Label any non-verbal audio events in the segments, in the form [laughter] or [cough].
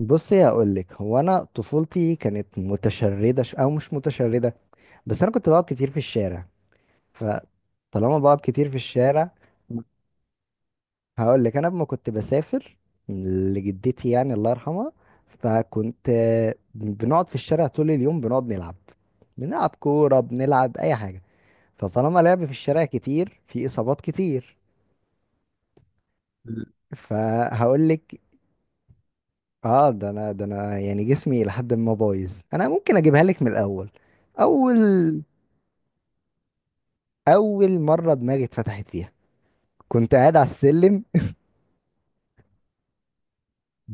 بصي هقول لك هو انا طفولتي كانت متشرده ش... او مش متشرده، بس انا كنت بقعد كتير في الشارع. فطالما بقعد كتير في الشارع هقول لك. انا لما كنت بسافر لجدتي يعني الله يرحمها، فكنت بنقعد في الشارع طول اليوم، بنقعد نلعب، بنلعب كوره، بنلعب اي حاجه. فطالما لعب في الشارع كتير في اصابات كتير. فهقول لك. اه، ده انا يعني جسمي لحد ما بايظ. انا ممكن اجيبها لك من الاول. اول اول مره دماغي اتفتحت فيها كنت قاعد على السلم.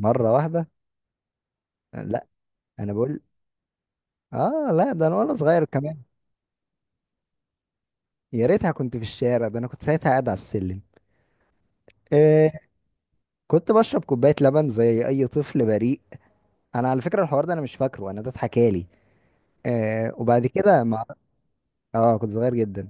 مره واحده. لا انا بقول، اه، لا، ده انا وانا صغير كمان. يا ريتها كنت في الشارع، ده انا كنت ساعتها قاعد على السلم. آه. كنت بشرب كوبايه لبن زي اي طفل بريء. انا على فكره الحوار ده انا مش فاكره، انا ده اتحكالي. آه وبعد كده مع... اه، كنت صغير جدا.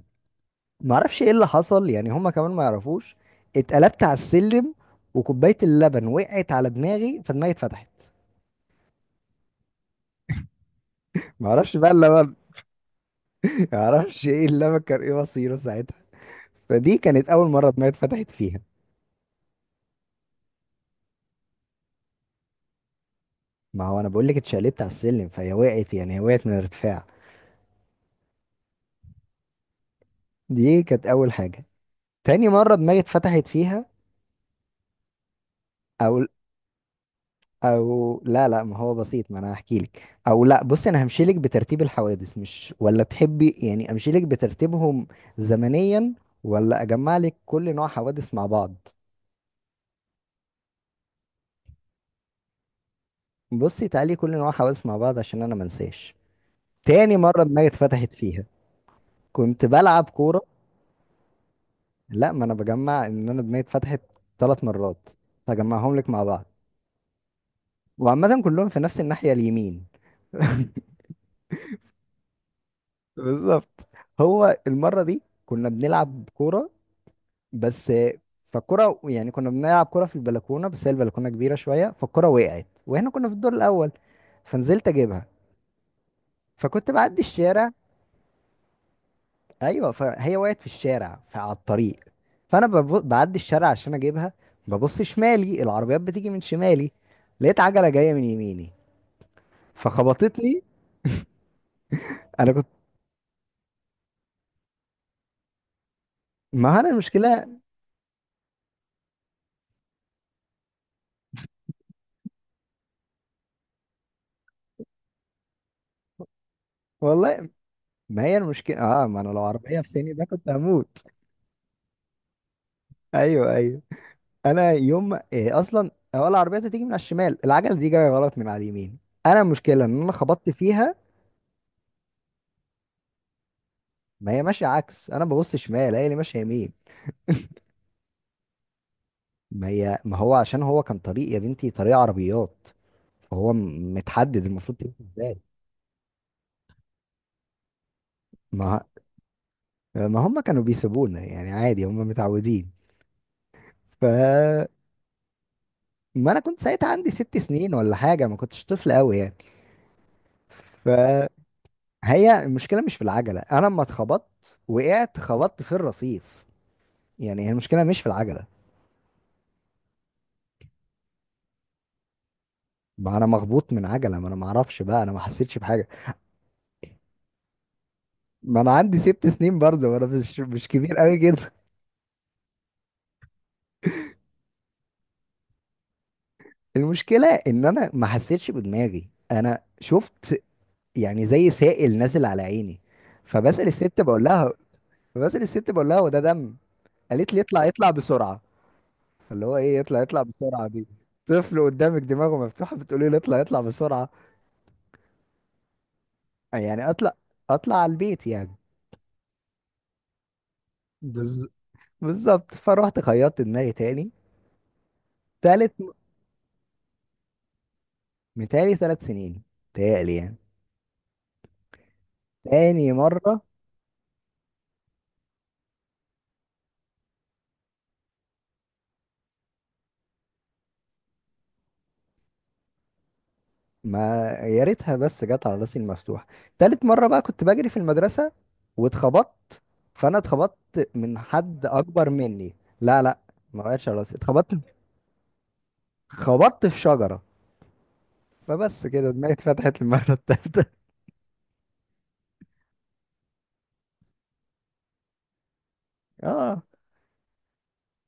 ما اعرفش ايه اللي حصل يعني، هما كمان ما يعرفوش. اتقلبت على السلم وكوبايه اللبن وقعت على دماغي فدماغي اتفتحت. ما اعرفش بقى اللبن. [laughs] ما اعرفش ايه اللبن كان ايه مصيره ساعتها. فدي كانت اول مره دماغي اتفتحت فيها. ما هو انا بقول لك اتشقلبت على السلم فهي وقعت، يعني هي وقعت من الارتفاع. دي كانت اول حاجه. تاني مره دماغي اتفتحت فيها. او او لا لا، ما هو بسيط، ما انا هحكي لك. او لا، بصي، انا همشي لك بترتيب الحوادث، مش ولا تحبي يعني امشي لك بترتيبهم زمنيا ولا اجمع لك كل نوع حوادث مع بعض. بصي تعالي كل نوع حوادث مع بعض عشان انا منساش. تاني مره دماغي اتفتحت فيها كنت بلعب كوره. لا، ما انا بجمع ان انا دماغي اتفتحت ثلاث مرات، هجمعهم لك مع بعض. وعامة كلهم في نفس الناحية اليمين. [laughs] بالظبط. هو المرة دي كنا بنلعب كورة بس. فالكورة يعني كنا بنلعب كورة في البلكونة، بس هي البلكونة كبيرة شوية فالكورة وقعت واحنا كنا في الدور الأول، فنزلت أجيبها. فكنت بعدي الشارع. أيوة، فهي وقعت في الشارع، فعلى الطريق، فأنا بعدي الشارع عشان أجيبها. ببص شمالي، العربيات بتيجي من شمالي، لقيت عجلة جاية من يميني فخبطتني. انا كنت، ما هو انا المشكله، والله، ما هي المشكله، اه، ما انا لو عربيه في سني ده كنت هموت. ايوه ايوه. انا يوم ما- إيه اصلا اول عربيه تيجي من على الشمال، العجله دي جايه غلط من على اليمين، انا المشكله ان انا خبطت فيها. ما هي ماشيه عكس، انا ببص شمال هي اللي ماشيه يمين. ما هو عشان هو كان طريق يا بنتي، طريق عربيات، فهو متحدد المفروض تمشي ازاي. ما ما هم كانوا بيسيبونا يعني عادي، هم متعودين، ف. ما انا كنت ساعتها عندي ست سنين ولا حاجه، ما كنتش طفل قوي يعني. فهي، المشكله مش في العجله. انا لما اتخبطت وقعت خبطت في الرصيف، يعني هي المشكله مش في العجله. ما انا مخبوط من عجله، ما انا ما اعرفش بقى، انا ما حسيتش بحاجه. ما انا عندي ست سنين برضه، وانا مش كبير قوي كده. المشكله ان انا ما حسيتش بدماغي، انا شفت يعني زي سائل نازل على عيني. فبسأل الست بقول لها، فبسأل الست بقول لها وده دم؟ قالت لي اطلع اطلع بسرعه. اللي هو ايه يطلع يطلع بسرعة دي؟ طفل قدامك دماغه مفتوحة بتقولي له يطلع يطلع بسرعة. يعني اطلع اطلع على البيت يعني. بز... بالظبط، فروحت خيطت دماغي تاني. تالت، متهيألي ثلاث سنين، متهيألي يعني. تاني مرة، ما يا ريتها بس جت على راسي المفتوحة. تالت مرة بقى كنت بجري في المدرسة واتخبطت. فانا اتخبطت من حد اكبر مني. لا لا، ما وقعتش على راسي، اتخبطت، خبطت في شجرة. فبس كده دماغي اتفتحت المرة التالتة. [laughs] اه.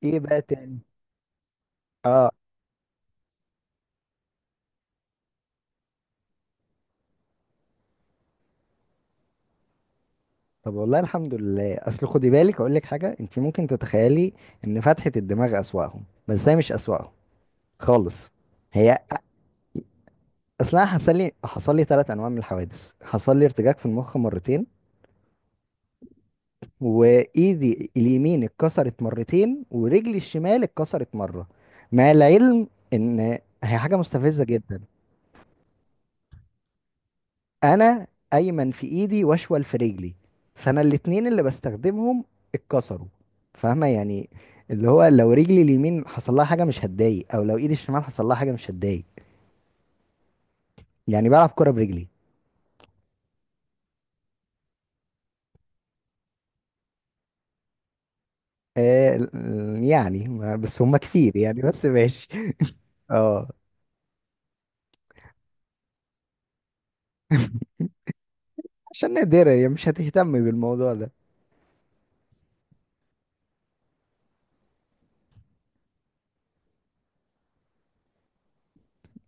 ايه بقى تاني؟ اه، طب والله الحمد لله. اصل خدي بالك اقول لك حاجه انت ممكن تتخيلي، ان فتحه الدماغ اسواقهم، بس هي مش اسواقهم خالص. هي، اصلا حصل لي، حصل لي ثلاث انواع من الحوادث. حصل لي ارتجاج في المخ مرتين، وايدي اليمين اتكسرت مرتين، ورجلي الشمال اتكسرت مره. مع العلم ان، هي حاجه مستفزه جدا. انا ايمن في ايدي، واشول في رجلي، فانا الاتنين اللي بستخدمهم اتكسروا، فاهمه يعني. اللي هو لو رجلي اليمين حصل لها حاجه مش هتضايق، او لو ايدي الشمال حصل لها حاجه مش هتضايق. يعني بلعب كره برجلي. بس هما كتير يعني، بس ماشي. اه، عشان نادرة يعني، مش هتهتم بالموضوع ده.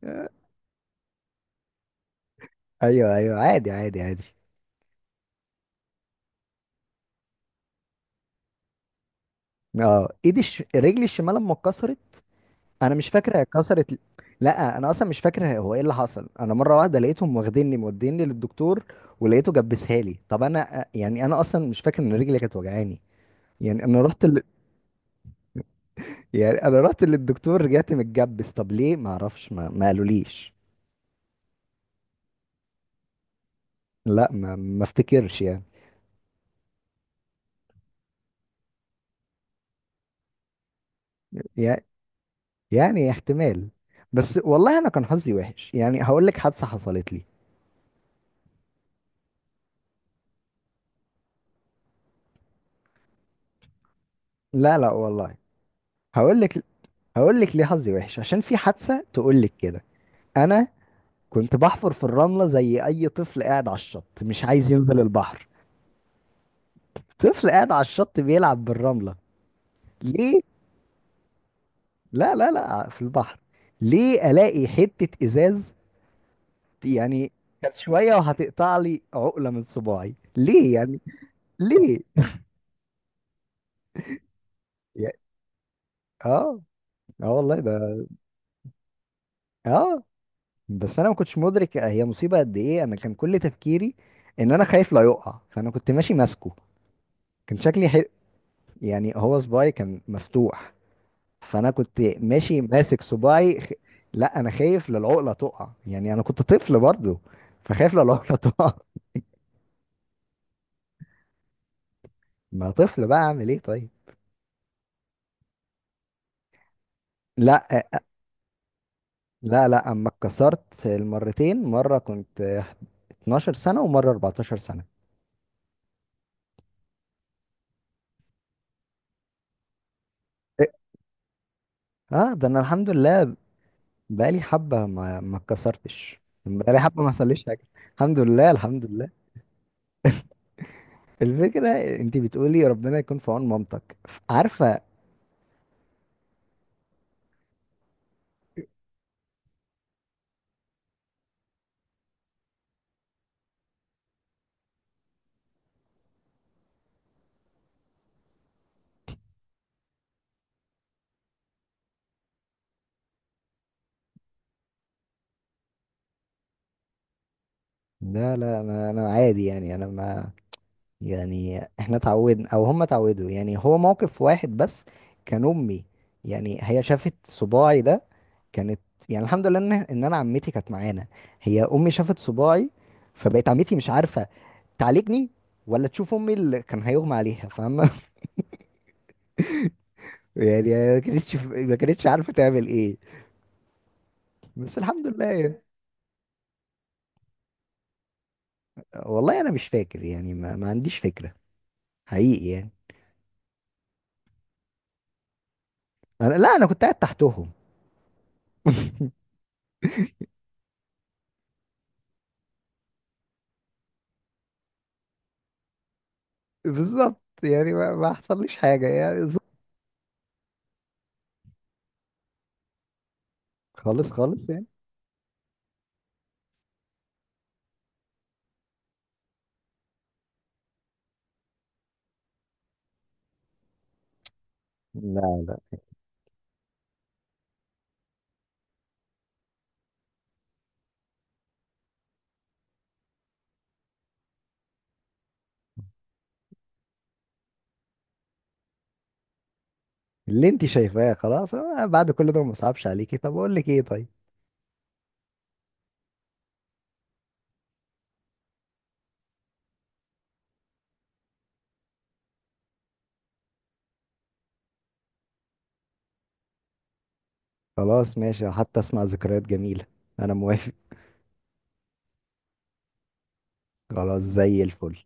آه، ايوه ايوه، عادي عادي عادي. اه، رجلي الشمال لما اتكسرت انا مش فاكر هي اتكسرت. لا، انا اصلا مش فاكر هو ايه اللي حصل. انا مره واحده لقيتهم واخديني موديني للدكتور، ولقيته جبسها لي. طب انا يعني، انا اصلا مش فاكر ان رجلي كانت وجعاني. يعني انا رحت يعني انا رحت للدكتور رجعت متجبس، طب ليه؟ ما اعرفش، ما قالوليش. لا ما ما افتكرش يعني. يع- يعني احتمال، بس والله انا كان حظي وحش يعني. هقول لك حادثه حصلت لي. لا لا والله. هقول لك، هقول لك ليه حظي وحش، عشان في حادثه تقول لك كده. انا كنت بحفر في الرملة زي أي طفل قاعد على الشط مش عايز ينزل البحر. طفل قاعد على الشط بيلعب بالرملة. ليه؟ لا لا لا، في البحر. ليه؟ ألاقي حتة إزاز، يعني كانت شوية وهتقطع لي عقلة من صباعي. ليه يعني؟ ليه؟ يا- اه، اه والله ده، اه. بس أنا ما كنتش مدرك هي مصيبة قد إيه. أنا كان كل تفكيري إن أنا خايف لا يقع، فأنا كنت ماشي ماسكه. كان شكلي حلو. يعني هو صباعي كان مفتوح، فانا كنت ماشي ماسك صباعي لا انا خايف لا العقله تقع، يعني انا كنت طفل برضو، فخايف لا العقله تقع. [laughs] ما طفل بقى، اعمل ايه طيب. لا لا لا، اما اتكسرت المرتين، مره كنت 12 سنه، ومره 14 سنه. إيه؟ اه، ده انا الحمد لله، بقالي حبه ما ما اتكسرتش، بقالي حبه ما حصليش حاجه. الحمد لله الحمد لله. الفكره، انت بتقولي ربنا يكون في عون مامتك، عارفه. لا لا، انا انا عادي يعني، انا ما. يعني احنا اتعودنا او هم اتعودوا. يعني هو موقف واحد بس كان، امي يعني هي شافت صباعي ده، كانت، يعني الحمد لله ان انا عمتي كانت معانا. هي امي شافت صباعي، فبقت عمتي مش عارفه تعالجني ولا تشوف امي اللي كان هيغمى عليها، فاهمه. [laughs] يعني ما كانتش ما كانتش عارفه تعمل ايه، بس الحمد لله يعني. والله انا مش فاكر يعني، ما عنديش فكره حقيقي يعني. أنا لا، انا كنت قاعد تحتهم. بالظبط يعني، ما حصليش حاجه يعني. خالص خالص يعني. لا اللي انت شايفاه، خلاص أنا بعد كل ده ما صعبش عليكي، طب اقول لك ايه طيب. خلاص ماشي، حتى اسمع ذكريات جميلة. انا موافق. خلاص زي الفل.